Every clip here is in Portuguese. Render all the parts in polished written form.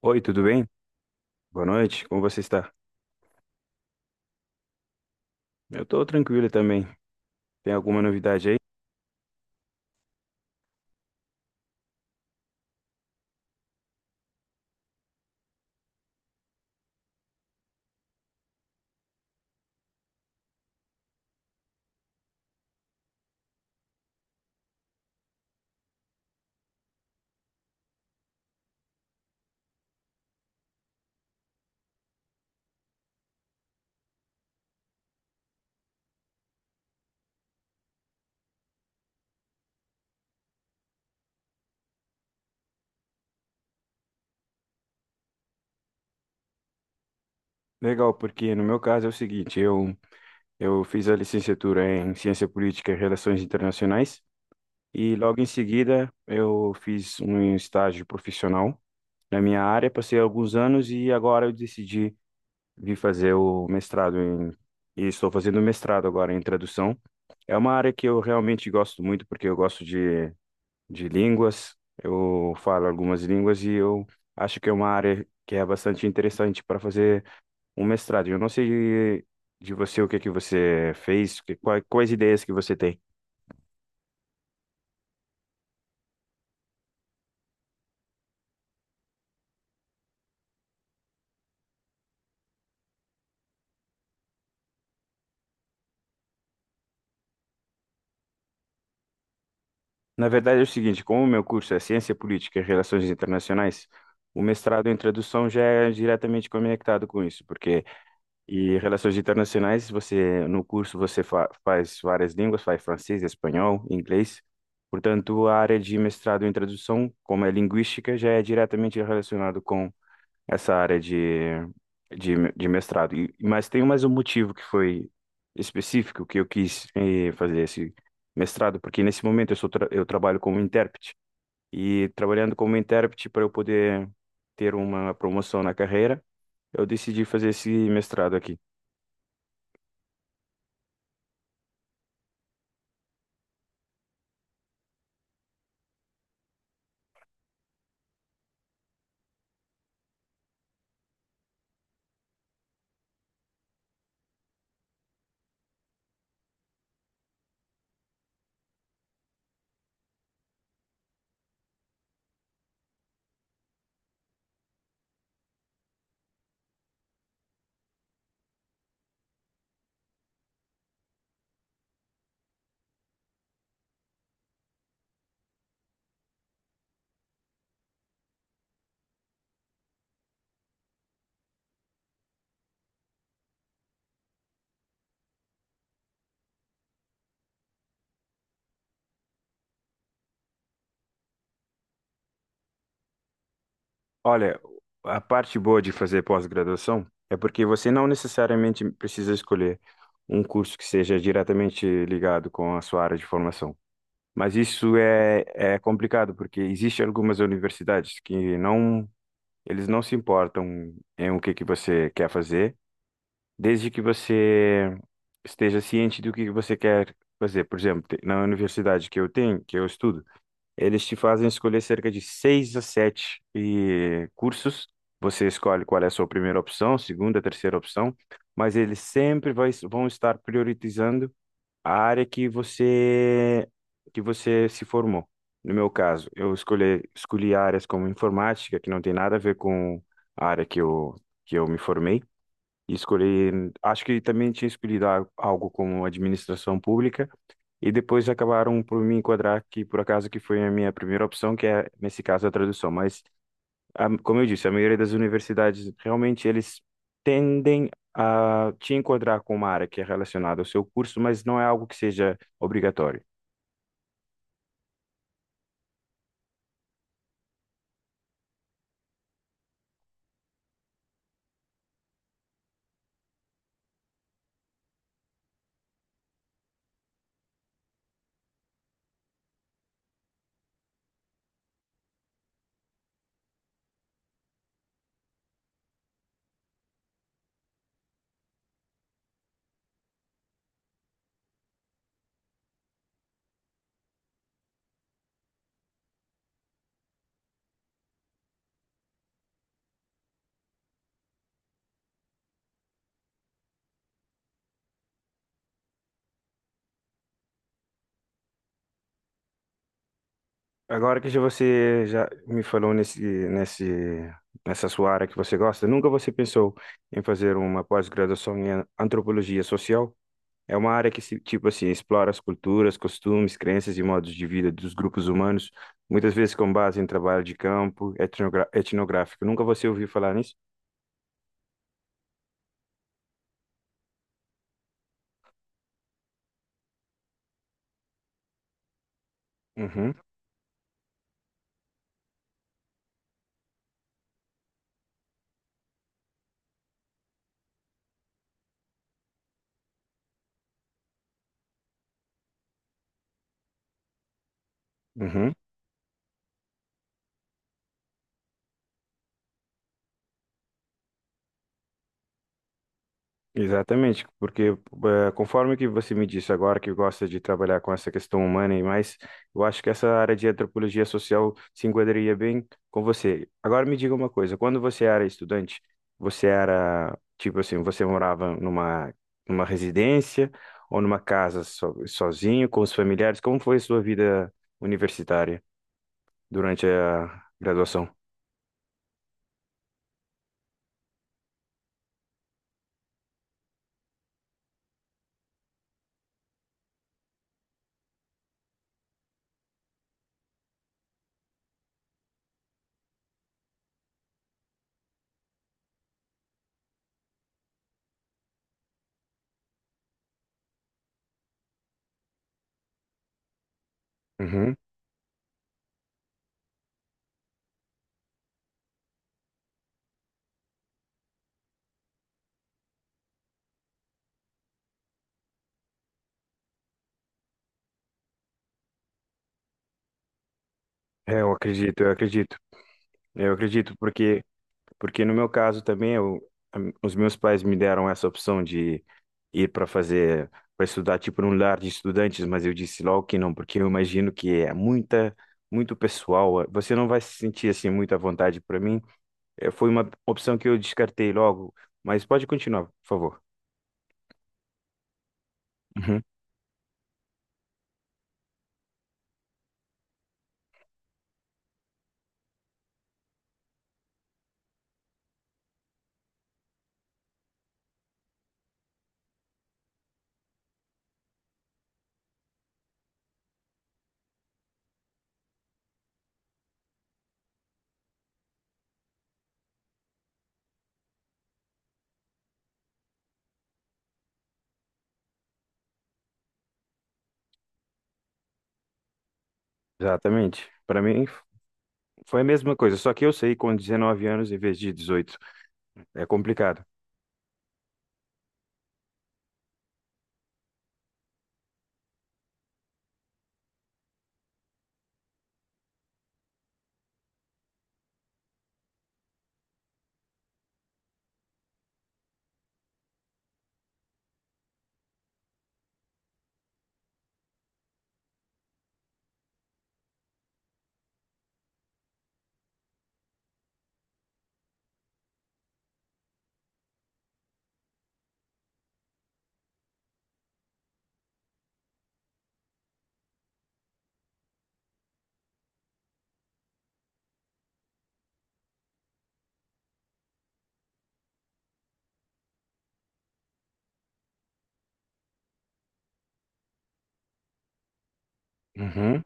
Oi, tudo bem? Boa noite, como você está? Eu estou tranquilo também. Tem alguma novidade aí? Legal, porque no meu caso é o seguinte, eu fiz a licenciatura em Ciência Política e Relações Internacionais e logo em seguida eu fiz um estágio profissional na minha área, passei alguns anos e agora eu decidi vir fazer o e estou fazendo mestrado agora em tradução. É uma área que eu realmente gosto muito porque eu gosto de línguas. Eu falo algumas línguas e eu acho que é uma área que é bastante interessante para fazer um mestrado. Eu não sei de você o que você fez, quais ideias que você tem. Na verdade é o seguinte, como o meu curso é Ciência Política e Relações Internacionais, o mestrado em tradução já é diretamente conectado com isso, porque e relações internacionais, você no curso você fa faz várias línguas, faz francês, espanhol, inglês. Portanto, a área de mestrado em tradução, como é linguística, já é diretamente relacionado com essa área de de mestrado. E mas tem mais um motivo que foi específico que eu quis fazer esse mestrado, porque nesse momento eu sou tra eu trabalho como intérprete e trabalhando como intérprete para eu poder ter uma promoção na carreira, eu decidi fazer esse mestrado aqui. Olha, a parte boa de fazer pós-graduação é porque você não necessariamente precisa escolher um curso que seja diretamente ligado com a sua área de formação. Mas é complicado, porque existem algumas universidades que não, eles não se importam em o que você quer fazer, desde que você esteja ciente do que você quer fazer. Por exemplo, na universidade que eu tenho, que eu estudo, eles te fazem escolher cerca de seis a sete cursos. Você escolhe qual é a sua primeira opção, segunda, terceira opção, mas eles sempre vão estar priorizando a área que você se formou. No meu caso, escolhi áreas como informática, que não tem nada a ver com a área que que eu me formei. E escolhi, acho que também tinha escolhido algo como administração pública, e depois acabaram por me enquadrar que, por acaso, que foi a minha primeira opção, que é, nesse caso, a tradução. Mas, a, como eu disse, a maioria das universidades, realmente, eles tendem a te enquadrar com uma área que é relacionada ao seu curso, mas não é algo que seja obrigatório. Agora que já você já me falou nessa sua área que você gosta, nunca você pensou em fazer uma pós-graduação em antropologia social? É uma área que, tipo assim, explora as culturas, costumes, crenças e modos de vida dos grupos humanos, muitas vezes com base em trabalho de campo, etnográfico. Nunca você ouviu falar nisso? Uhum, uhum. Exatamente, porque conforme que você me disse agora que gosta de trabalhar com essa questão humana e mais, eu acho que essa área de antropologia social se enquadraria bem com você. Agora me diga uma coisa, quando você era estudante, você era, tipo assim, você morava numa residência ou numa casa sozinho, com os familiares? Como foi a sua vida universitária durante a graduação? Uhum. É, eu acredito, eu acredito. Eu acredito, porque porque no meu caso também, os meus pais me deram essa opção de ir para fazer, para estudar tipo num lar de estudantes, mas eu disse logo que não, porque eu imagino que é muito pessoal. Você não vai se sentir assim muito à vontade para mim. Foi uma opção que eu descartei logo, mas pode continuar, por favor. Uhum. Exatamente. Para foi a mesma coisa, só que eu saí com 19 anos em vez de 18. É complicado. Uhum.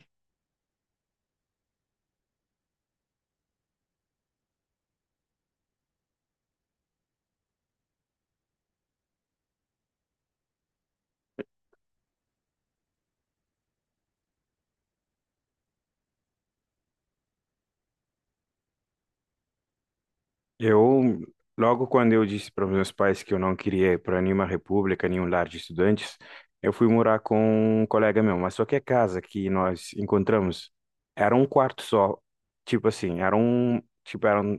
Eu, logo quando eu disse para os meus pais que eu não queria ir para nenhuma república, nenhum lar de estudantes, eu fui morar com um colega meu, mas só que a casa que nós encontramos era um quarto só, tipo assim, era um, tipo, eram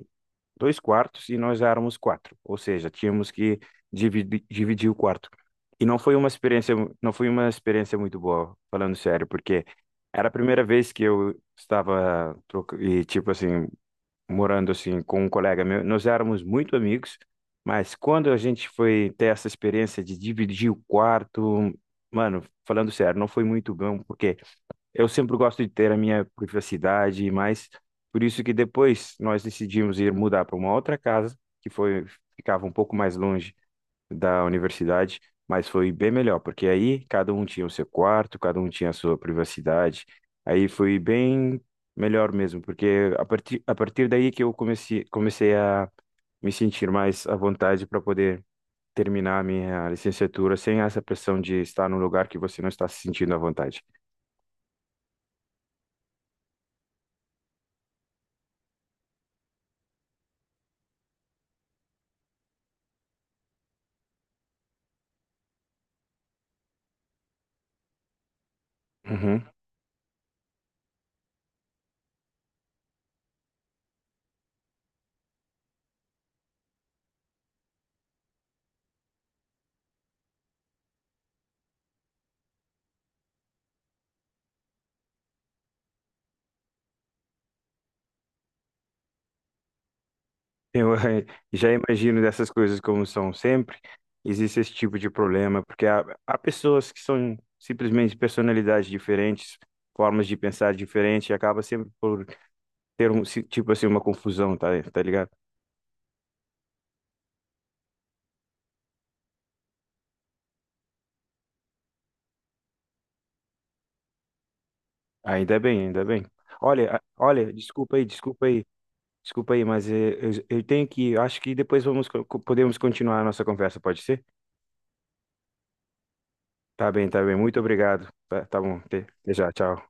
dois quartos e nós éramos quatro, ou seja, tínhamos que dividir o quarto. E não foi uma não foi uma experiência muito boa, falando sério, porque era a primeira vez que eu estava e tipo assim morando assim com um colega meu, nós éramos muito amigos, mas quando a gente foi ter essa experiência de dividir o quarto, mano, falando sério, não foi muito bom, porque eu sempre gosto de ter a minha privacidade, mas por isso que depois nós decidimos ir mudar para uma outra casa, que foi ficava um pouco mais longe da universidade, mas foi bem melhor, porque aí cada um tinha o seu quarto, cada um tinha a sua privacidade. Aí foi bem melhor mesmo, porque a partir daí que comecei a me sentir mais à vontade para poder terminar a minha licenciatura sem essa pressão de estar num lugar que você não está se sentindo à vontade. Uhum. Eu já imagino dessas coisas como são sempre. Existe esse tipo de problema, porque há pessoas que são simplesmente personalidades diferentes, formas de pensar diferentes, e acaba sempre por ter um tipo assim uma confusão, tá ligado? Ainda bem, ainda bem. Olha, olha, desculpa aí, mas eu tenho que, acho que depois vamos podemos continuar a nossa conversa, pode ser? Tá bem, tá bem. Muito obrigado. Tá, tá bom. Até já, tchau.